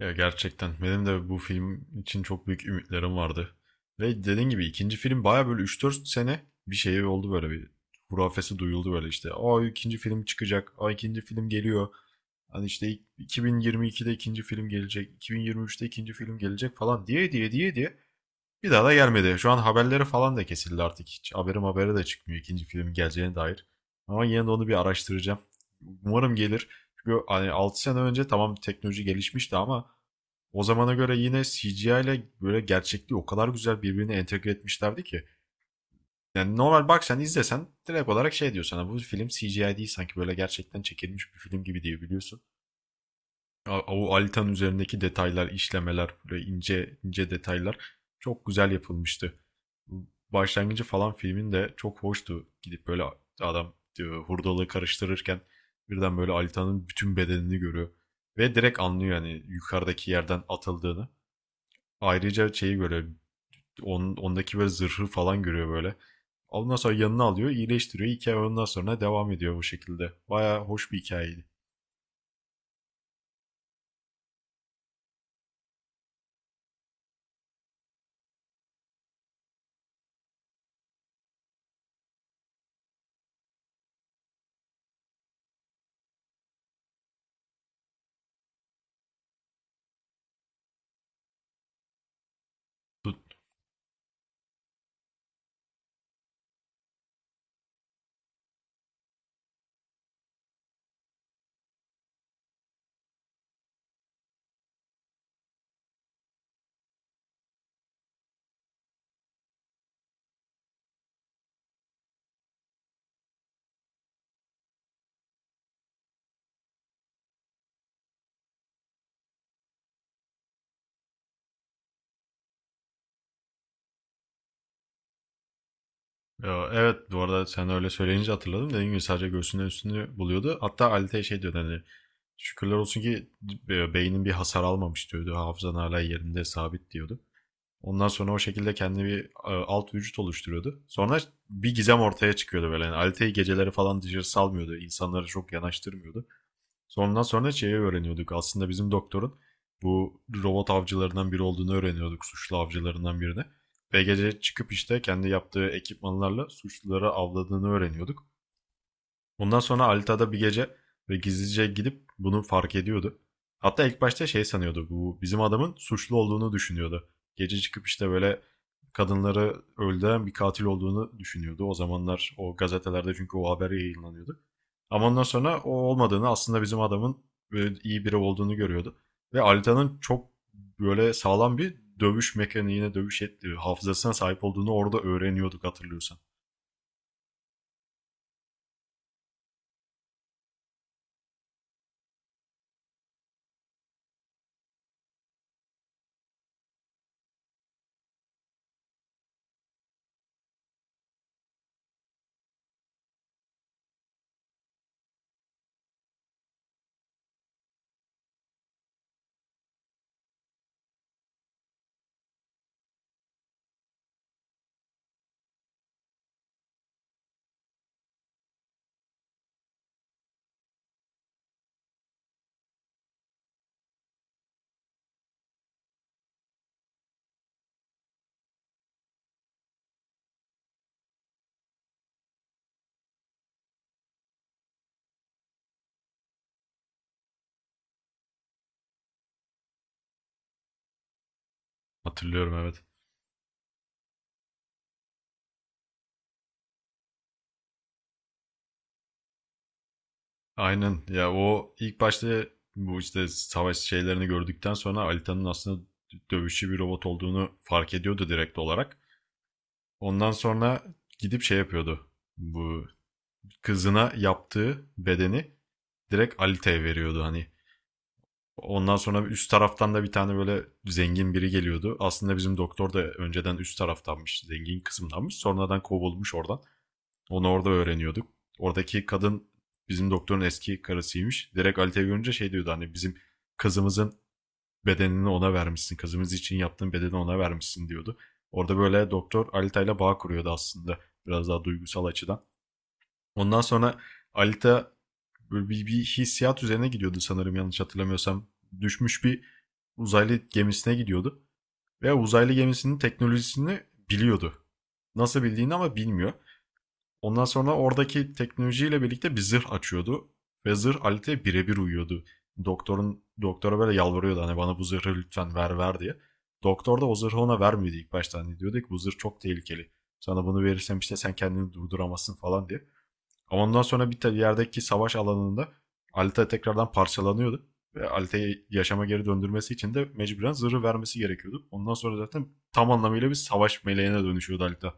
Ya gerçekten benim de bu film için çok büyük ümitlerim vardı. Ve dediğin gibi ikinci film baya böyle üç dört sene bir şey oldu böyle bir hurafesi duyuldu böyle işte. Aa, ikinci film çıkacak. Aa, ikinci film geliyor. Hani işte 2022'de ikinci film gelecek. 2023'te ikinci film gelecek falan diye diye diye diye. Bir daha da gelmedi. Şu an haberleri falan da kesildi artık. Hiç habere de çıkmıyor ikinci film geleceğine dair. Ama yine de onu bir araştıracağım. Umarım gelir. Çünkü hani 6 sene önce tamam teknoloji gelişmişti ama o zamana göre yine CGI ile böyle gerçekliği o kadar güzel birbirine entegre etmişlerdi ki. Yani normal, bak sen izlesen direkt olarak şey diyor sana, bu film CGI değil sanki böyle gerçekten çekilmiş bir film gibi diye biliyorsun. O Alitan üzerindeki detaylar, işlemeler, böyle ince ince detaylar çok güzel yapılmıştı. Bu başlangıcı falan filmin de çok hoştu. Gidip böyle adam diyor, hurdalığı karıştırırken birden böyle Alitan'ın bütün bedenini görüyor. Ve direkt anlıyor yani yukarıdaki yerden atıldığını. Ayrıca şeyi böyle ondaki böyle zırhı falan görüyor böyle. Ondan sonra yanına alıyor, iyileştiriyor. Hikaye ondan sonra devam ediyor bu şekilde. Baya hoş bir hikayeydi. Bu- Ya, evet, bu arada sen öyle söyleyince hatırladım. Dediğim gibi sadece göğsünün üstünü buluyordu. Hatta Alite'ye şey diyordu, hani şükürler olsun ki beynin bir hasar almamış diyordu. Hafızan hala yerinde sabit diyordu. Ondan sonra o şekilde kendi bir alt vücut oluşturuyordu. Sonra bir gizem ortaya çıkıyordu böyle. Yani Alite'yi geceleri falan dışarı salmıyordu. İnsanları çok yanaştırmıyordu. Sondan sonra şeyi öğreniyorduk. Aslında bizim doktorun bu robot avcılarından biri olduğunu öğreniyorduk. Suçlu avcılarından birini. Ve gece çıkıp işte kendi yaptığı ekipmanlarla suçluları avladığını öğreniyorduk. Ondan sonra Alita'da bir gece ve gizlice gidip bunu fark ediyordu. Hatta ilk başta şey sanıyordu. Bu bizim adamın suçlu olduğunu düşünüyordu. Gece çıkıp işte böyle kadınları öldüren bir katil olduğunu düşünüyordu. O zamanlar o gazetelerde çünkü o haber yayınlanıyordu. Ama ondan sonra o olmadığını, aslında bizim adamın iyi biri olduğunu görüyordu. Ve Alita'nın çok böyle sağlam bir dövüş mekaniğine, dövüş ettiği hafızasına sahip olduğunu orada öğreniyorduk, hatırlıyorsan. Hatırlıyorum, evet. Aynen ya, o ilk başta bu işte savaş şeylerini gördükten sonra Alita'nın aslında dövüşçü bir robot olduğunu fark ediyordu direkt olarak. Ondan sonra gidip şey yapıyordu. Bu kızına yaptığı bedeni direkt Alita'ya veriyordu hani. Ondan sonra üst taraftan da bir tane böyle zengin biri geliyordu. Aslında bizim doktor da önceden üst taraftanmış, zengin kısımdanmış. Sonradan kovulmuş oradan. Onu orada öğreniyorduk. Oradaki kadın bizim doktorun eski karısıymış. Direkt Alita'yı görünce şey diyordu, hani bizim kızımızın bedenini ona vermişsin. Kızımız için yaptığın bedeni ona vermişsin diyordu. Orada böyle doktor Alita ile bağ kuruyordu aslında. Biraz daha duygusal açıdan. Ondan sonra Alita böyle bir hissiyat üzerine gidiyordu sanırım, yanlış hatırlamıyorsam. Düşmüş bir uzaylı gemisine gidiyordu. Ve uzaylı gemisinin teknolojisini biliyordu. Nasıl bildiğini ama bilmiyor. Ondan sonra oradaki teknolojiyle birlikte bir zırh açıyordu. Ve zırh Alit'e birebir uyuyordu. Doktora böyle yalvarıyordu, hani bana bu zırhı lütfen ver diye. Doktor da o zırhı ona vermiyordu ilk başta. Hani diyordu ki, bu zırh çok tehlikeli. Sana bunu verirsem işte sen kendini durduramazsın falan diye. Ama ondan sonra bir yerdeki savaş alanında Alita tekrardan parçalanıyordu. Ve Alita'yı yaşama geri döndürmesi için de mecburen zırhı vermesi gerekiyordu. Ondan sonra zaten tam anlamıyla bir savaş meleğine dönüşüyordu Alita.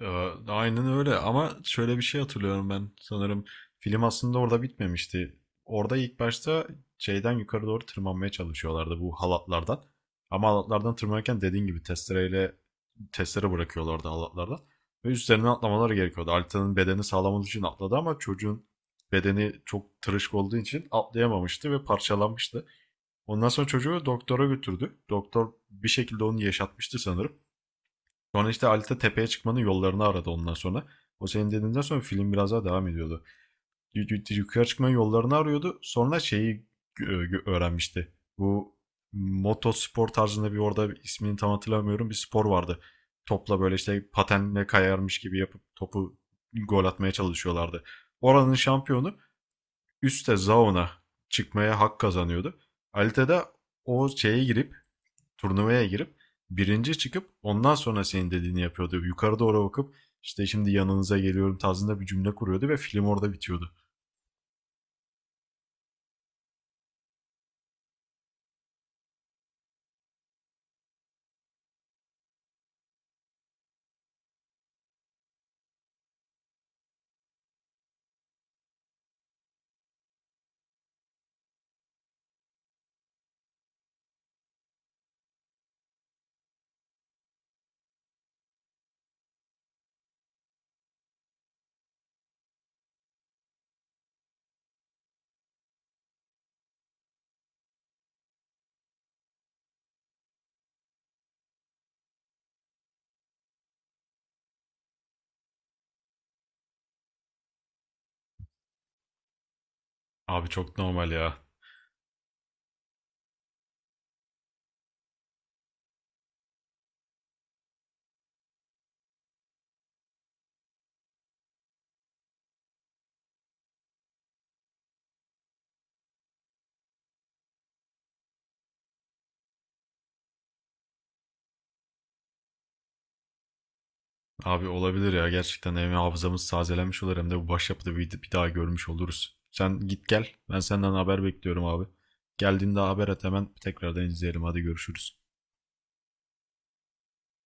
Ya, aynen öyle, ama şöyle bir şey hatırlıyorum ben sanırım, film aslında orada bitmemişti. Orada ilk başta şeyden yukarı doğru tırmanmaya çalışıyorlardı bu halatlardan. Ama halatlardan tırmanırken dediğin gibi testere bırakıyorlardı halatlardan. Ve üstlerine atlamaları gerekiyordu. Alita'nın bedeni sağlam olduğu için atladı ama çocuğun bedeni çok tırışık olduğu için atlayamamıştı ve parçalanmıştı. Ondan sonra çocuğu doktora götürdü. Doktor bir şekilde onu yaşatmıştı sanırım. Sonra işte Alita tepeye çıkmanın yollarını aradı ondan sonra. O senin dediğinden sonra film biraz daha devam ediyordu. Yukarı çıkmanın yollarını arıyordu. Sonra şeyi öğrenmişti. Bu motospor tarzında bir, orada ismini tam hatırlamıyorum, bir spor vardı. Topla böyle işte patenle kayarmış gibi yapıp topu gol atmaya çalışıyorlardı. Oranın şampiyonu üstte Zaun'a çıkmaya hak kazanıyordu. Alita da o şeye girip turnuvaya girip birinci çıkıp ondan sonra senin dediğini yapıyordu. Yukarı doğru bakıp, işte şimdi yanınıza geliyorum tarzında bir cümle kuruyordu ve film orada bitiyordu. Abi çok normal ya. Abi olabilir ya, gerçekten hem hafızamız tazelenmiş olur hem de bu başyapıtı bir daha görmüş oluruz. Sen git gel. Ben senden haber bekliyorum abi. Geldiğinde haber et, hemen tekrardan izleyelim. Hadi görüşürüz.